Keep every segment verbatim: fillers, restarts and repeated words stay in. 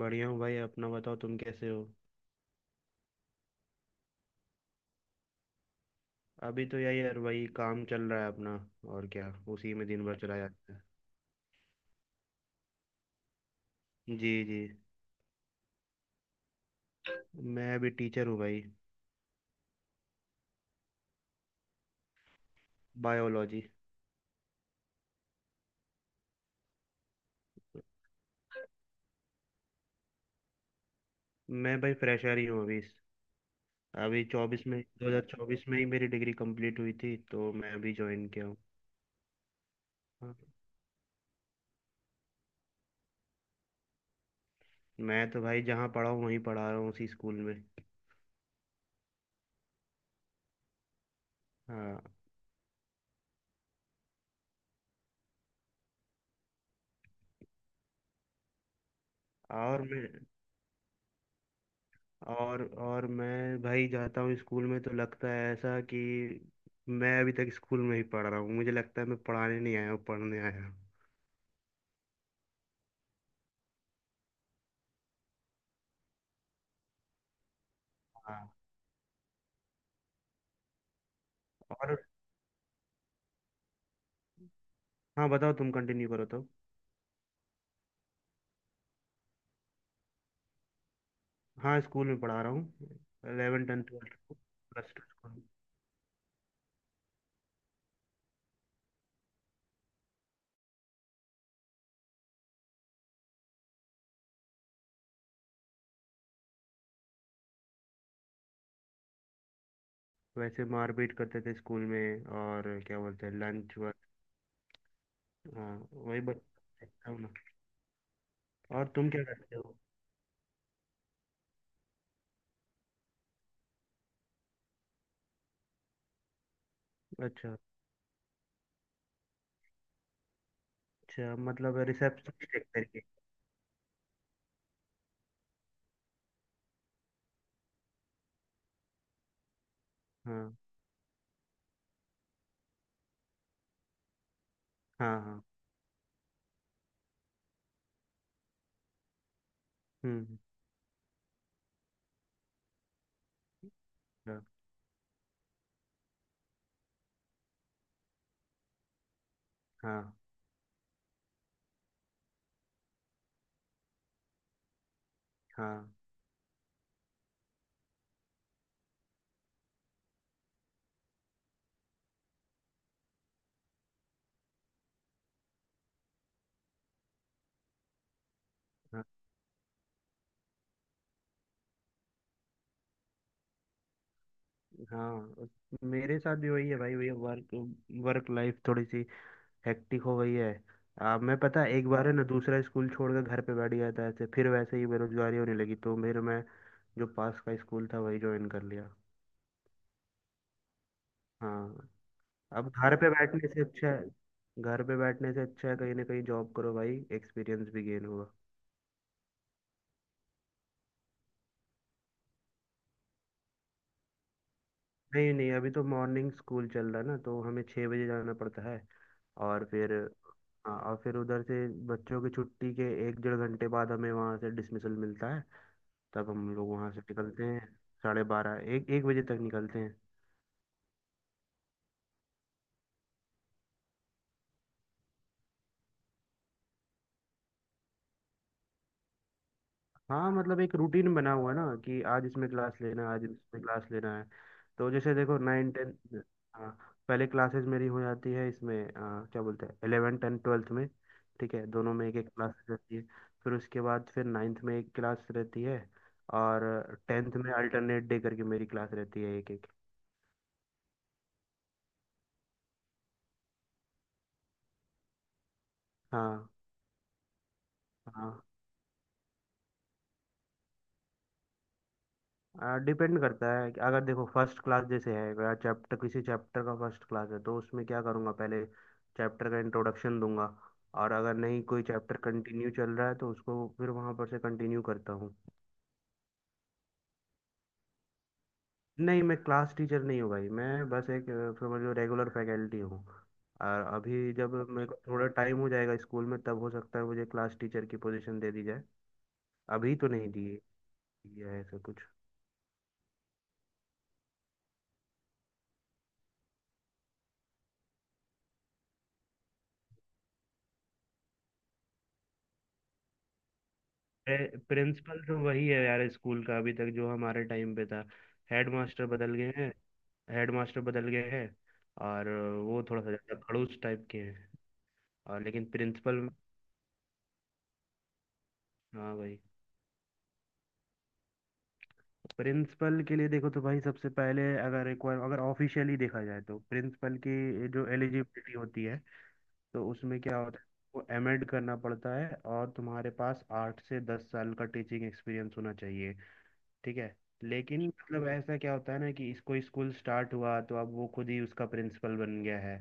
बढ़िया हूँ भाई। अपना बताओ तुम कैसे हो। अभी तो यही यार वही काम चल रहा है अपना। और क्या। उसी में दिन भर चला जाता है। जी जी। मैं अभी टीचर हूँ भाई। बायोलॉजी। मैं भाई फ्रेशर ही हूँ अभी। अभी चौबीस में दो हज़ार चौबीस में ही मेरी डिग्री कंप्लीट हुई थी, तो मैं अभी ज्वाइन किया हूँ। हाँ। मैं तो भाई जहाँ पढ़ा हूँ वहीं पढ़ा रहा हूँ, उसी स्कूल में। हाँ। और मैं, और और मैं भाई जाता हूँ स्कूल में तो लगता है ऐसा कि मैं अभी तक स्कूल में ही पढ़ रहा हूँ। मुझे लगता है मैं पढ़ाने नहीं आया हूँ, पढ़ने आया हूँ। हाँ। और। हाँ बताओ, तुम कंटिन्यू करो तो। हाँ स्कूल में पढ़ा रहा हूँ। Eleven tenth twelfth plus two school. वैसे मारपीट करते थे स्कूल में, और क्या बोलते हैं लंच वक्त। हाँ वही बस देखता हूँ ना। और तुम क्या करते हो। अच्छा अच्छा, मतलब रिसेप्शन एक तरीके। हाँ हाँ हाँ। हम्म। हाँ हाँ। हाँ हाँ। उस- मेरे साथ भी वही है भाई। वही वर्क वर्क लाइफ थोड़ी सी हेक्टिक हो गई है। आ, मैं, पता है, एक बार है ना, दूसरा स्कूल छोड़कर घर पे बैठ गया था ऐसे। फिर वैसे ही बेरोजगारी होने लगी, तो मेरे मैं जो पास का स्कूल था वही ज्वाइन कर लिया। हाँ। अब घर पे बैठने से अच्छा है। घर पे बैठने से अच्छा है, कहीं ना कहीं जॉब करो भाई, एक्सपीरियंस भी गेन होगा। नहीं नहीं, अभी तो मॉर्निंग स्कूल चल रहा है ना, तो हमें छः बजे जाना पड़ता है। और फिर। हाँ, और फिर उधर से बच्चों की छुट्टी के एक डेढ़ घंटे बाद हमें वहाँ से डिसमिसल मिलता है। तब हम लोग वहाँ से निकलते हैं। साढ़े बारह, एक एक बजे तक निकलते हैं। हाँ मतलब एक रूटीन बना हुआ है ना कि आज इसमें क्लास लेना है, आज इसमें क्लास लेना है। तो जैसे देखो, नाइन टेन। हाँ। पहले क्लासेस मेरी हो जाती है इसमें, आ, क्या बोलते हैं, एलेवन टेन ट्वेल्थ में। ठीक है, दोनों में एक एक क्लास रहती है। फिर उसके बाद फिर नाइन्थ में एक क्लास रहती है। और टेंथ में अल्टरनेट डे करके मेरी क्लास रहती है, एक एक। हाँ। हाँ डिपेंड करता है कि, अगर देखो फर्स्ट क्लास जैसे है, चैप्टर, किसी चैप्टर का फर्स्ट क्लास है तो उसमें क्या करूँगा, पहले चैप्टर का इंट्रोडक्शन दूंगा। और अगर नहीं, कोई चैप्टर कंटिन्यू चल रहा है तो उसको फिर वहाँ पर से कंटिन्यू करता हूँ। नहीं, मैं क्लास टीचर नहीं हूँ भाई। मैं बस एक अ, समझ लो, रेगुलर फैकल्टी हूँ। और अभी जब मेरे को थोड़ा टाइम हो जाएगा स्कूल में, तब हो सकता है मुझे क्लास टीचर की पोजीशन दे दी जाए। अभी तो नहीं दी है ऐसा कुछ। प्रिंसिपल तो वही है यार स्कूल का, अभी तक जो हमारे टाइम पे था। हेड मास्टर बदल गए हैं। हेड मास्टर बदल गए हैं। और वो थोड़ा सा ज़्यादा खड़ूस टाइप के हैं। और लेकिन प्रिंसिपल। हाँ भाई। प्रिंसिपल के लिए देखो तो भाई, सबसे पहले अगर रिक्वायर अगर ऑफिशियली देखा जाए तो प्रिंसिपल की जो एलिजिबिलिटी होती है, तो उसमें क्या होता है, वो एमएड करना पड़ता है और तुम्हारे पास आठ से दस साल का टीचिंग एक्सपीरियंस होना चाहिए। ठीक है। लेकिन मतलब ऐसा क्या होता है ना कि इसको स्कूल स्टार्ट हुआ तो अब वो खुद ही उसका प्रिंसिपल बन गया है।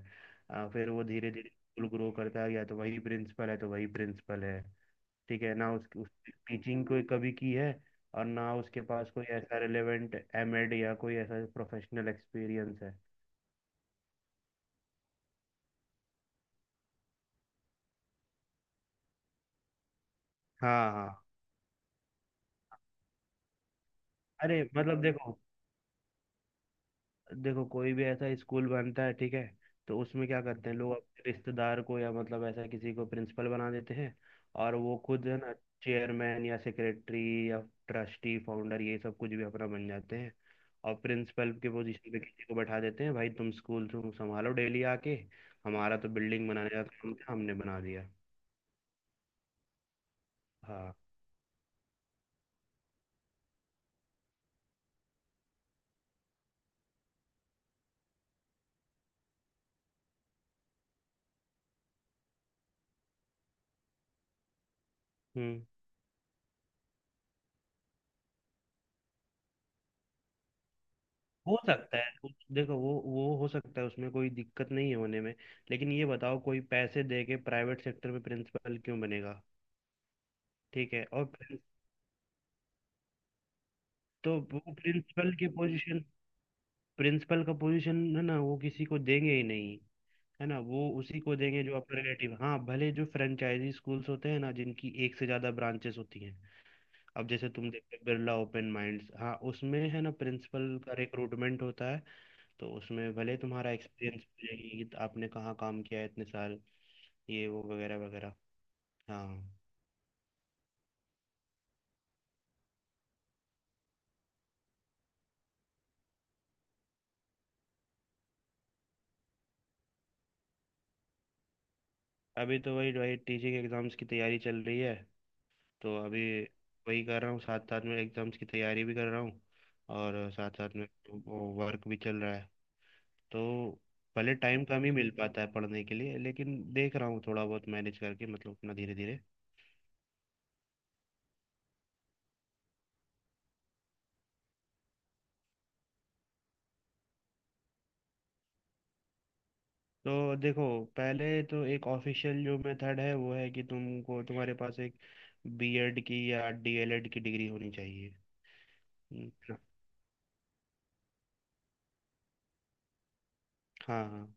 आ, फिर वो धीरे धीरे स्कूल ग्रो करता गया, तो वही प्रिंसिपल है तो वही प्रिंसिपल है। ठीक है ना। उस, उस टीचिंग कोई कभी की है, और ना उसके पास कोई ऐसा रिलेवेंट एमएड या कोई ऐसा प्रोफेशनल एक्सपीरियंस है। हाँ हाँ। अरे मतलब देखो, देखो कोई भी ऐसा स्कूल बनता है, ठीक है, तो उसमें क्या करते हैं, लोग अपने रिश्तेदार को या मतलब ऐसा किसी को प्रिंसिपल बना देते हैं। और वो खुद है ना, चेयरमैन या सेक्रेटरी या ट्रस्टी फाउंडर, ये सब कुछ भी अपना बन जाते हैं। और प्रिंसिपल के पोजीशन पे किसी को बैठा देते हैं, भाई तुम स्कूल तुम संभालो डेली आके। हमारा तो बिल्डिंग बनाने का काम था, हमने बना दिया। हाँ। हम्म। हो सकता है उस- देखो, वो वो हो सकता है, उसमें कोई दिक्कत नहीं है होने में। लेकिन ये बताओ, कोई पैसे दे के प्राइवेट सेक्टर में प्रिंसिपल क्यों बनेगा। ठीक है। और प्रिं- तो वो प्रिंसिपल की पोजीशन, प्रिंसिपल का पोजीशन है ना, वो किसी को देंगे ही नहीं। है ना, वो उसी को देंगे जो अपने रिलेटिव। हाँ भले जो फ्रेंचाइजी स्कूल्स होते हैं ना, जिनकी एक से ज्यादा ब्रांचेस होती हैं, अब जैसे तुम देखते हो, बिरला ओपन माइंड्स, हाँ उसमें है ना, प्रिंसिपल का रिक्रूटमेंट होता है। तो उसमें भले तुम्हारा एक्सपीरियंस पूछेगी कि आपने कहाँ काम किया है, इतने साल, ये वो वगैरह वगैरह। हाँ। अभी तो वही वही टीसी के एग्ज़ाम्स की तैयारी चल रही है। तो अभी वही कर रहा हूँ, साथ साथ में एग्ज़ाम्स की तैयारी भी कर रहा हूँ। और साथ साथ में वो वर्क भी चल रहा है। तो भले टाइम कम ही मिल पाता है पढ़ने के लिए, लेकिन देख रहा हूँ थोड़ा बहुत मैनेज करके, मतलब अपना धीरे धीरे। तो देखो, पहले तो एक ऑफिशियल जो मेथड है वो है कि तुमको, तुम्हारे पास एक बीएड की या डीएलएड की डिग्री होनी चाहिए। हम्म। हाँ हाँ।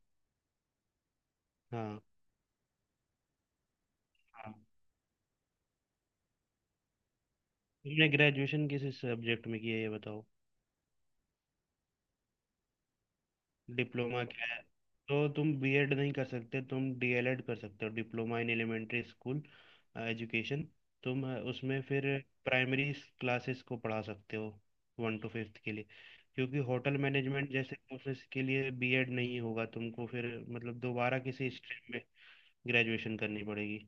हाँ हाँ। तुमने ग्रेजुएशन किस सब्जेक्ट में की है ये बताओ। डिप्लोमा क्या है। तो तुम बीएड नहीं कर सकते, तुम डीएलएड कर सकते हो, diploma in elementary school education. तुम अ, उसमें फिर प्राइमरी क्लासेस को पढ़ा सकते हो, वन टू फिफ्थ के लिए। क्योंकि होटल मैनेजमेंट जैसे कोर्सेज के लिए बीएड नहीं होगा, तुमको फिर मतलब दोबारा किसी स्ट्रीम में ग्रेजुएशन करनी पड़ेगी।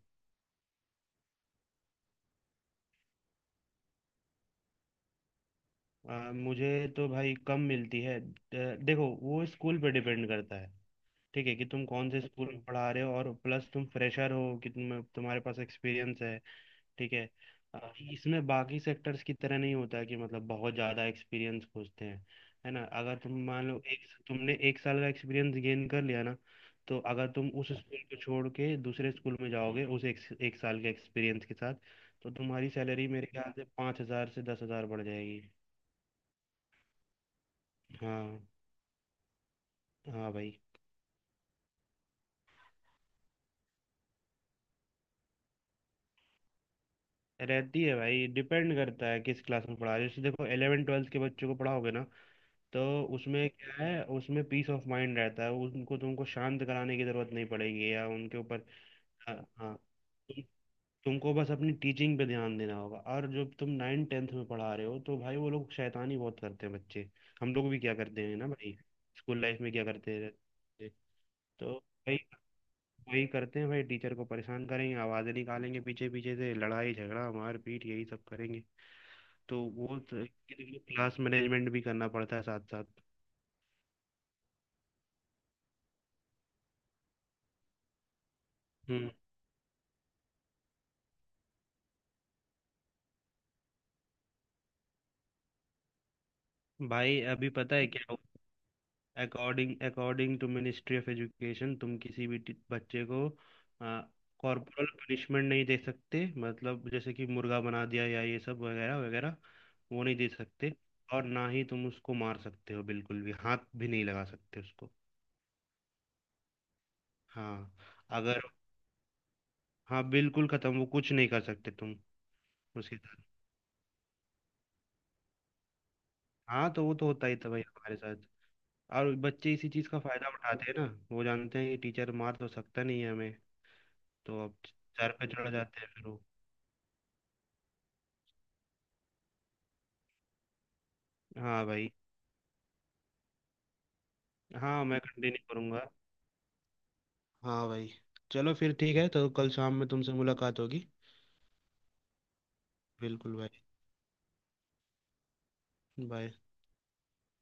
अ, मुझे तो भाई कम मिलती है। अ, देखो, वो स्कूल पे डिपेंड करता है। ठीक है कि तुम कौन से स्कूल में पढ़ा रहे हो, और प्लस तुम फ्रेशर हो कि तुम, तुम्हारे पास एक्सपीरियंस है। ठीक है। अ, इसमें बाकी सेक्टर्स की तरह नहीं होता है कि मतलब बहुत ज़्यादा एक्सपीरियंस खोजते हैं। है ना, अगर तुम मान लो, एक, तुमने एक साल का एक्सपीरियंस गेन कर लिया ना, तो अगर तुम उस स्कूल को छोड़ के दूसरे स्कूल में जाओगे उस एक, एक साल के एक्सपीरियंस के साथ, तो तुम्हारी सैलरी मेरे ख्याल से पाँच हज़ार से दस हज़ार बढ़ जाएगी। हाँ। हाँ भाई। रहती है भाई, डिपेंड करता है किस क्लास में पढ़ा रहे हो। जैसे देखो, इलेवन ट्वेल्थ के बच्चों को पढ़ाओगे ना, तो उसमें क्या है, उसमें पीस ऑफ माइंड रहता है, उनको तुमको शांत कराने की जरूरत नहीं पड़ेगी, या उनके ऊपर। हाँ हाँ। तुम- तुमको बस अपनी टीचिंग पे ध्यान देना होगा। और जब तुम नाइन टेंथ में पढ़ा रहे हो तो भाई, वो लोग शैतानी बहुत करते हैं बच्चे। हम लोग भी क्या करते हैं ना भाई, स्कूल लाइफ में क्या करते हैं, तो भाई, वही करते हैं भाई, टीचर को परेशान करेंगे, आवाज़ें निकालेंगे, पीछे पीछे से लड़ाई झगड़ा मार पीट, यही सब करेंगे। तो वो तो- क्लास मैनेजमेंट भी करना पड़ता है साथ साथ। हम्म। भाई अभी पता है क्या, according according to ministry of education, तुम किसी भी टी- बच्चे को कॉर्पोरल पनिशमेंट नहीं दे सकते, मतलब जैसे कि मुर्गा बना दिया या ये सब वगैरह वगैरह। वो नहीं दे सकते, और ना ही तुम उसको मार सकते हो, बिल्कुल भी हाथ भी नहीं लगा सकते उसको। हाँ। अगर हाँ बिल्कुल खत्म, वो कुछ नहीं कर सकते तुम उसके साथ। हाँ, तो वो तो होता ही था भाई हमारे साथ। और बच्चे इसी चीज़ का फायदा उठाते हैं ना, वो जानते हैं कि टीचर मार तो सकता नहीं है हमें। तो अब सर पे चढ़ जाते हैं फिर वो। हाँ भाई। हाँ मैं कंटिन्यू करूँगा। हाँ भाई। चलो फिर ठीक है, तो कल शाम में तुमसे मुलाकात होगी। बिल्कुल भाई। बाय।